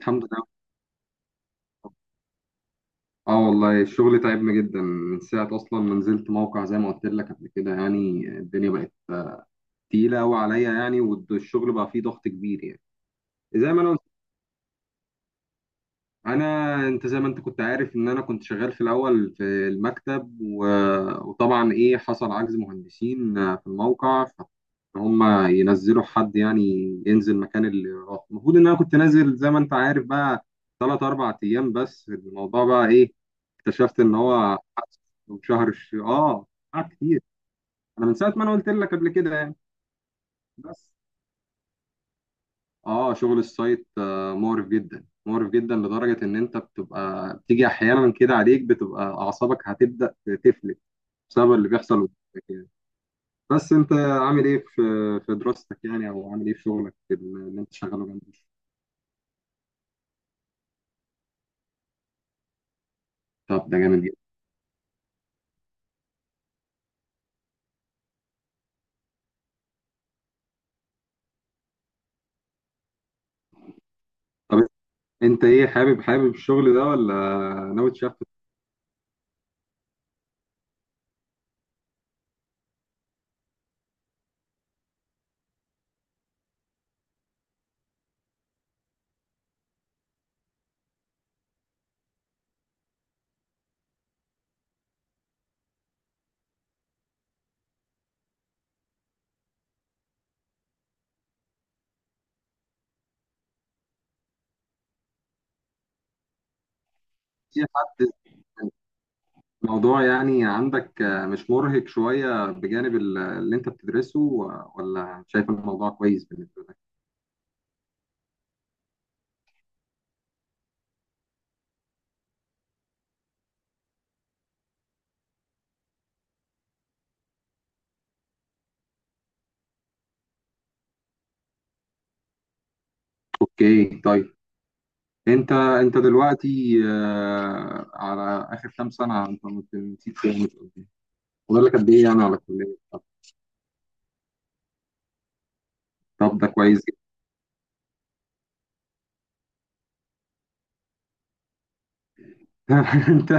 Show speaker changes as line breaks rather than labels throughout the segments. الحمد لله. اه والله، الشغل تعبنا جدا من ساعة أصلا ما نزلت موقع، زي ما قلت لك قبل كده، يعني الدنيا بقت تقيلة أوي عليا، يعني والشغل بقى فيه ضغط كبير يعني. زي ما أنا انا انت زي ما انت كنت عارف ان انا كنت شغال في الاول في المكتب، وطبعا ايه حصل عجز مهندسين في الموقع، فهم ينزلوا حد يعني ينزل مكان اللي راح. المفروض ان انا كنت نازل زي ما انت عارف بقى ثلاث اربع ايام، بس الموضوع بقى ايه؟ اكتشفت ان هو شهر. اه، قعد كتير. انا من ساعه ما انا قلت لك قبل كده يعني، بس اه شغل السايت، مقرف جدا، مقرف جدا، لدرجة ان انت بتبقى بتيجي احيانا كده عليك بتبقى اعصابك هتبدأ تفلت بسبب اللي بيحصل قدامك يعني. بس انت عامل ايه في دراستك يعني، او عامل ايه في شغلك اللي انت شغاله جنب الشغل؟ طب ده جامد جدا. طب انت ايه، حابب حابب الشغل ده ولا ناوي تشفت في حد؟ الموضوع يعني عندك، مش مرهق شوية بجانب اللي انت بتدرسه ولا شايف الموضوع كويس بالنسبة لك؟ اوكي، طيب. انت دلوقتي، على اخر كام سنه، انت ما نسيت كام فاضل لك قد ايه يعني على الكليه؟ طب، طب ده كويس جدا. انت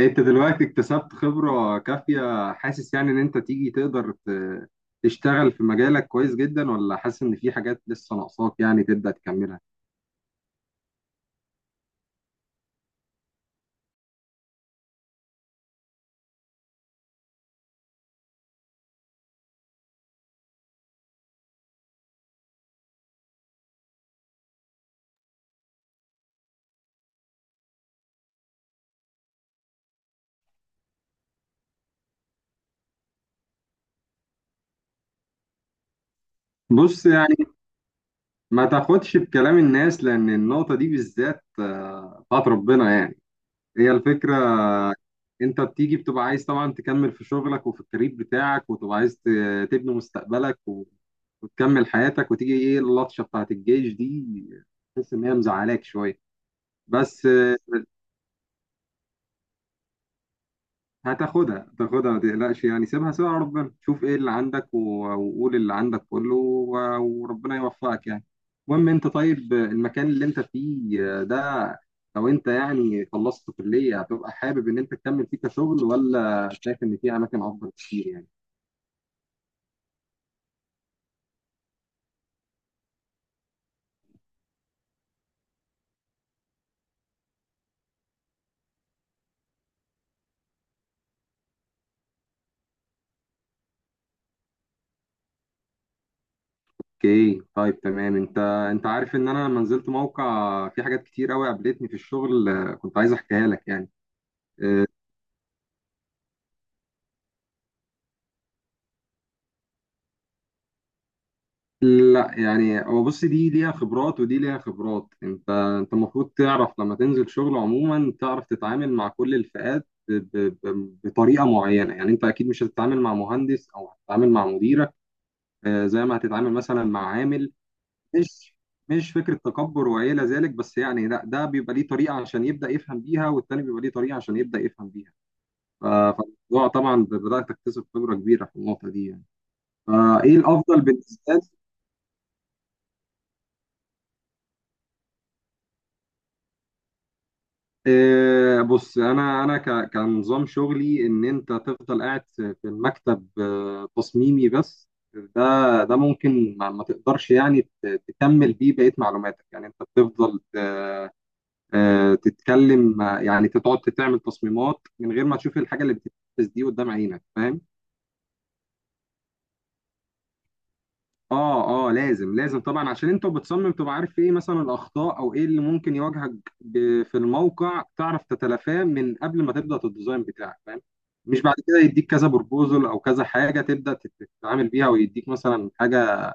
انت دلوقتي اكتسبت خبره كافيه، حاسس يعني ان انت تيجي تقدر تشتغل في مجالك كويس جدا، ولا حاسس ان في حاجات لسه ناقصاك يعني تبدا تكملها؟ بص يعني، ما تاخدش بكلام الناس، لان النقطه دي بالذات، بتاعت ربنا يعني. هي الفكره، انت بتيجي بتبقى عايز طبعا تكمل في شغلك وفي الكارير بتاعك، وتبقى عايز تبني مستقبلك وتكمل حياتك، وتيجي ايه؟ اللطشه بتاعت الجيش دي، تحس ان هي مزعلاك شويه. بس هتاخدها هتاخدها ما تقلقش يعني، سيبها سيبها على ربنا، شوف ايه اللي عندك وقول اللي عندك كله وربنا يوفقك يعني. المهم، انت طيب، المكان اللي انت فيه ده، لو انت يعني خلصت كلية، هتبقى حابب ان انت تكمل فيه كشغل، ولا شايف ان في اماكن افضل كتير يعني؟ اوكي، طيب، تمام. انت عارف ان انا لما نزلت موقع في حاجات كتير قوي قابلتني في الشغل، كنت عايز احكيها لك يعني. آه، لا، يعني هو بص، دي ليها خبرات ودي ليها خبرات. انت المفروض تعرف لما تنزل شغل عموما تعرف تتعامل مع كل الفئات بطريقه معينه، يعني انت اكيد مش هتتعامل مع مهندس او هتتعامل مع مديرك زي ما هتتعامل مثلا مع عامل. مش مش فكرة تكبر وإلى ذلك بس، يعني لا، ده بيبقى ليه طريقة عشان يبدأ يفهم بيها، والتاني بيبقى ليه طريقة عشان يبدأ يفهم بيها. فالموضوع طبعا بدأت تكتسب خبرة كبيرة في النقطة دي يعني. فإيه الأفضل بالنسبة لي؟ بص، أنا كنظام شغلي، إن أنت تفضل قاعد في المكتب، تصميمي، بس ده ممكن ما تقدرش يعني تكمل بيه بقية معلوماتك، يعني أنت بتفضل، تتكلم، يعني تقعد تعمل تصميمات من غير ما تشوف الحاجه اللي بتتنفذ دي قدام عينك، فاهم؟ اه اه، لازم لازم طبعا، عشان انت بتصمم، تبقى عارف ايه مثلا الاخطاء او ايه اللي ممكن يواجهك في الموقع، تعرف تتلافاه من قبل ما تبدا الديزاين بتاعك، فاهم؟ مش بعد كده يديك كذا بروبوزل او كذا حاجه تبدا تتعامل بيها، ويديك مثلا حاجه،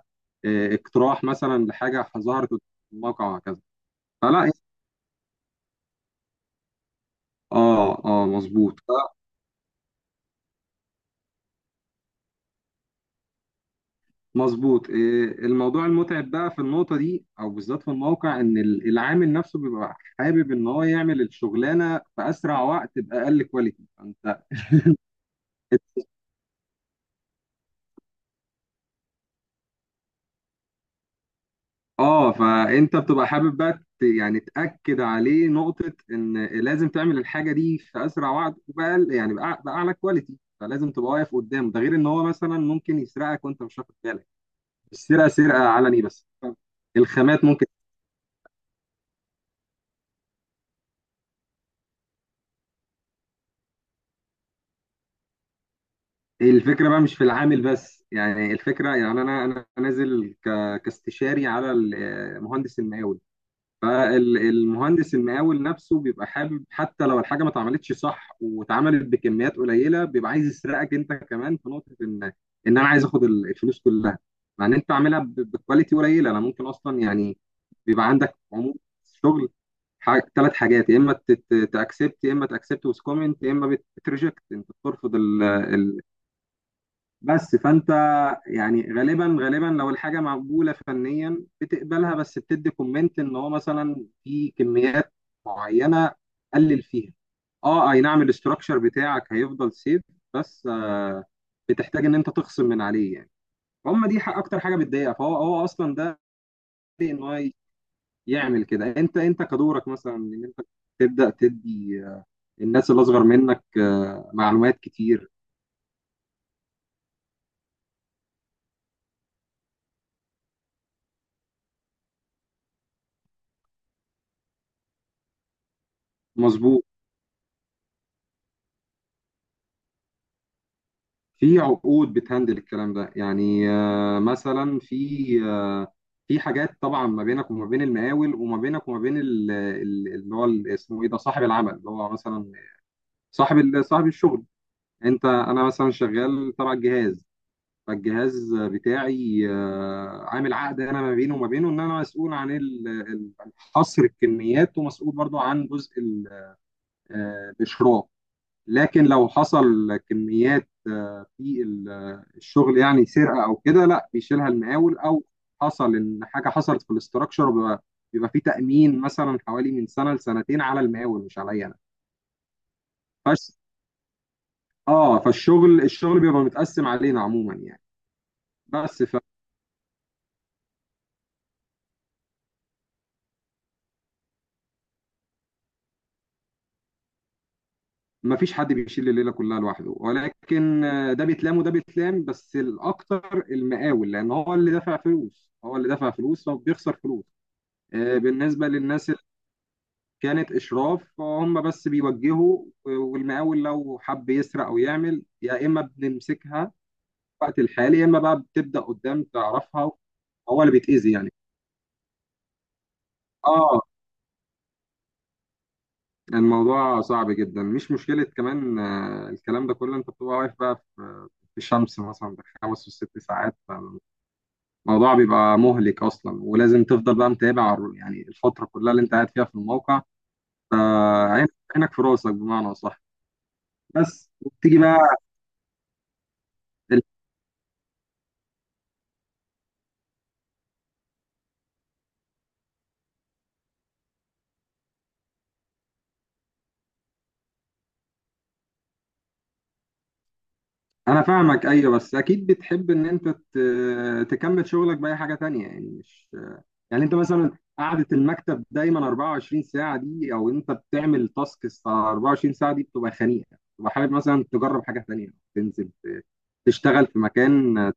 اقتراح مثلا لحاجه ظهرت قدام الموقع، وهكذا. فلا، اه اه، مظبوط. مظبوط، إيه، الموضوع المتعب بقى في النقطة دي أو بالذات في الموقع، إن العامل نفسه بيبقى حابب إن هو يعمل الشغلانة في أسرع وقت بأقل كواليتي. فأنت بتبقى حابب بقى يعني تأكد عليه نقطة إن لازم تعمل الحاجة دي في أسرع وقت وبأقل، يعني بأعلى كواليتي، فلازم تبقى واقف قدامه، ده غير إن هو مثلا ممكن يسرقك وأنت مش واخد بالك. السرقة سرقة علني بس، الخامات ممكن. الفكرة بقى مش في العامل بس، يعني الفكرة، يعني أنا نازل كاستشاري على المهندس المقاول، فالمهندس المقاول نفسه بيبقى حابب، حتى لو الحاجة ما اتعملتش صح واتعملت بكميات قليلة بيبقى عايز يسرقك أنت كمان، في نقطة إن أنا عايز آخد الفلوس كلها، مع إن أنت عاملها بكواليتي قليلة، أنا ممكن أصلا يعني. بيبقى عندك عموم شغل ثلاث حاجات، يا اما تاكسبت، يا اما تاكسبت ويز كومنت، يا اما بتريجكت انت بترفض. بس فانت، يعني غالبا غالبا لو الحاجه مقبوله فنيا بتقبلها، بس بتدي كومنت ان هو مثلا في كميات معينه قلل فيها. اه اي نعم، الاستراكشر بتاعك هيفضل سيف، بس بتحتاج ان انت تخصم من عليه يعني. هم، دي حق اكتر حاجه بتضايقها. فهو اصلا ده ان هو يعمل كده. انت كدورك مثلا، ان انت تبدا تدي، الناس اللي اصغر منك، معلومات كتير. مظبوط، في عقود بتهندل الكلام ده، يعني مثلا في في حاجات طبعا ما بينك وما بين المقاول، وما بينك وما بين اللي هو اسمه ايه ده، صاحب العمل، اللي هو مثلا صاحب صاحب الشغل. انت انا مثلا شغال تبع الجهاز، فالجهاز بتاعي، عامل عقد انا ما بينه وما بينه ان انا مسؤول عن حصر الكميات، ومسؤول برضو عن جزء الاشراف، لكن لو حصل كميات، في الشغل، يعني سرقه او كده، لا بيشيلها المقاول، او حصل ان حاجه حصلت في الاستراكشر، بيبقى بيبقى في تامين مثلا حوالي من سنه لسنتين على المقاول مش عليا انا. بس اه، فالشغل الشغل بيبقى متقسم علينا عموما يعني. بس فما، فيش حد بيشيل الليله كلها لوحده، ولكن ده بيتلام وده بيتلام، بس الاكتر المقاول، لان هو اللي دافع فلوس، هو اللي دافع فلوس، فبيخسر فلوس. بالنسبه للناس كانت اشراف، هم بس بيوجهوا، والمقاول لو حب يسرق او يعمل، يا اما بنمسكها في الوقت الحالي، يا اما بقى بتبدا قدام تعرفها. هو اللي بيتاذي يعني. اه، الموضوع صعب جدا، مش مشكله كمان، الكلام ده كله، انت بتبقى واقف بقى في الشمس مثلا بخمس وست ساعات. فالموضوع بيبقى مهلك اصلا، ولازم تفضل بقى متابع يعني الفتره كلها اللي انت قاعد فيها في الموقع، عينك عينك في راسك بمعنى اصح، بس. وبتيجي بقى. انا فاهمك، ايوه، بس اكيد بتحب ان انت تكمل شغلك باي حاجه تانية يعني. مش يعني انت مثلا قعده المكتب دايما 24 ساعه دي، او انت بتعمل تاسكس 24 ساعه دي، بتبقى خنيقه، بتبقى حابب مثلا تجرب حاجه تانية تنزل تشتغل في مكان. انا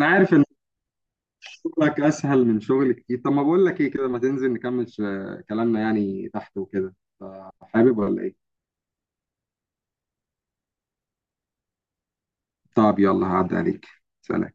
عارف ان شغلك اسهل من شغل كتير، طب ما بقول لك ايه كده، ما تنزل نكمل كلامنا يعني تحت وكده، حابب ولا ايه؟ طب يلا، هعدي عليك. سلام.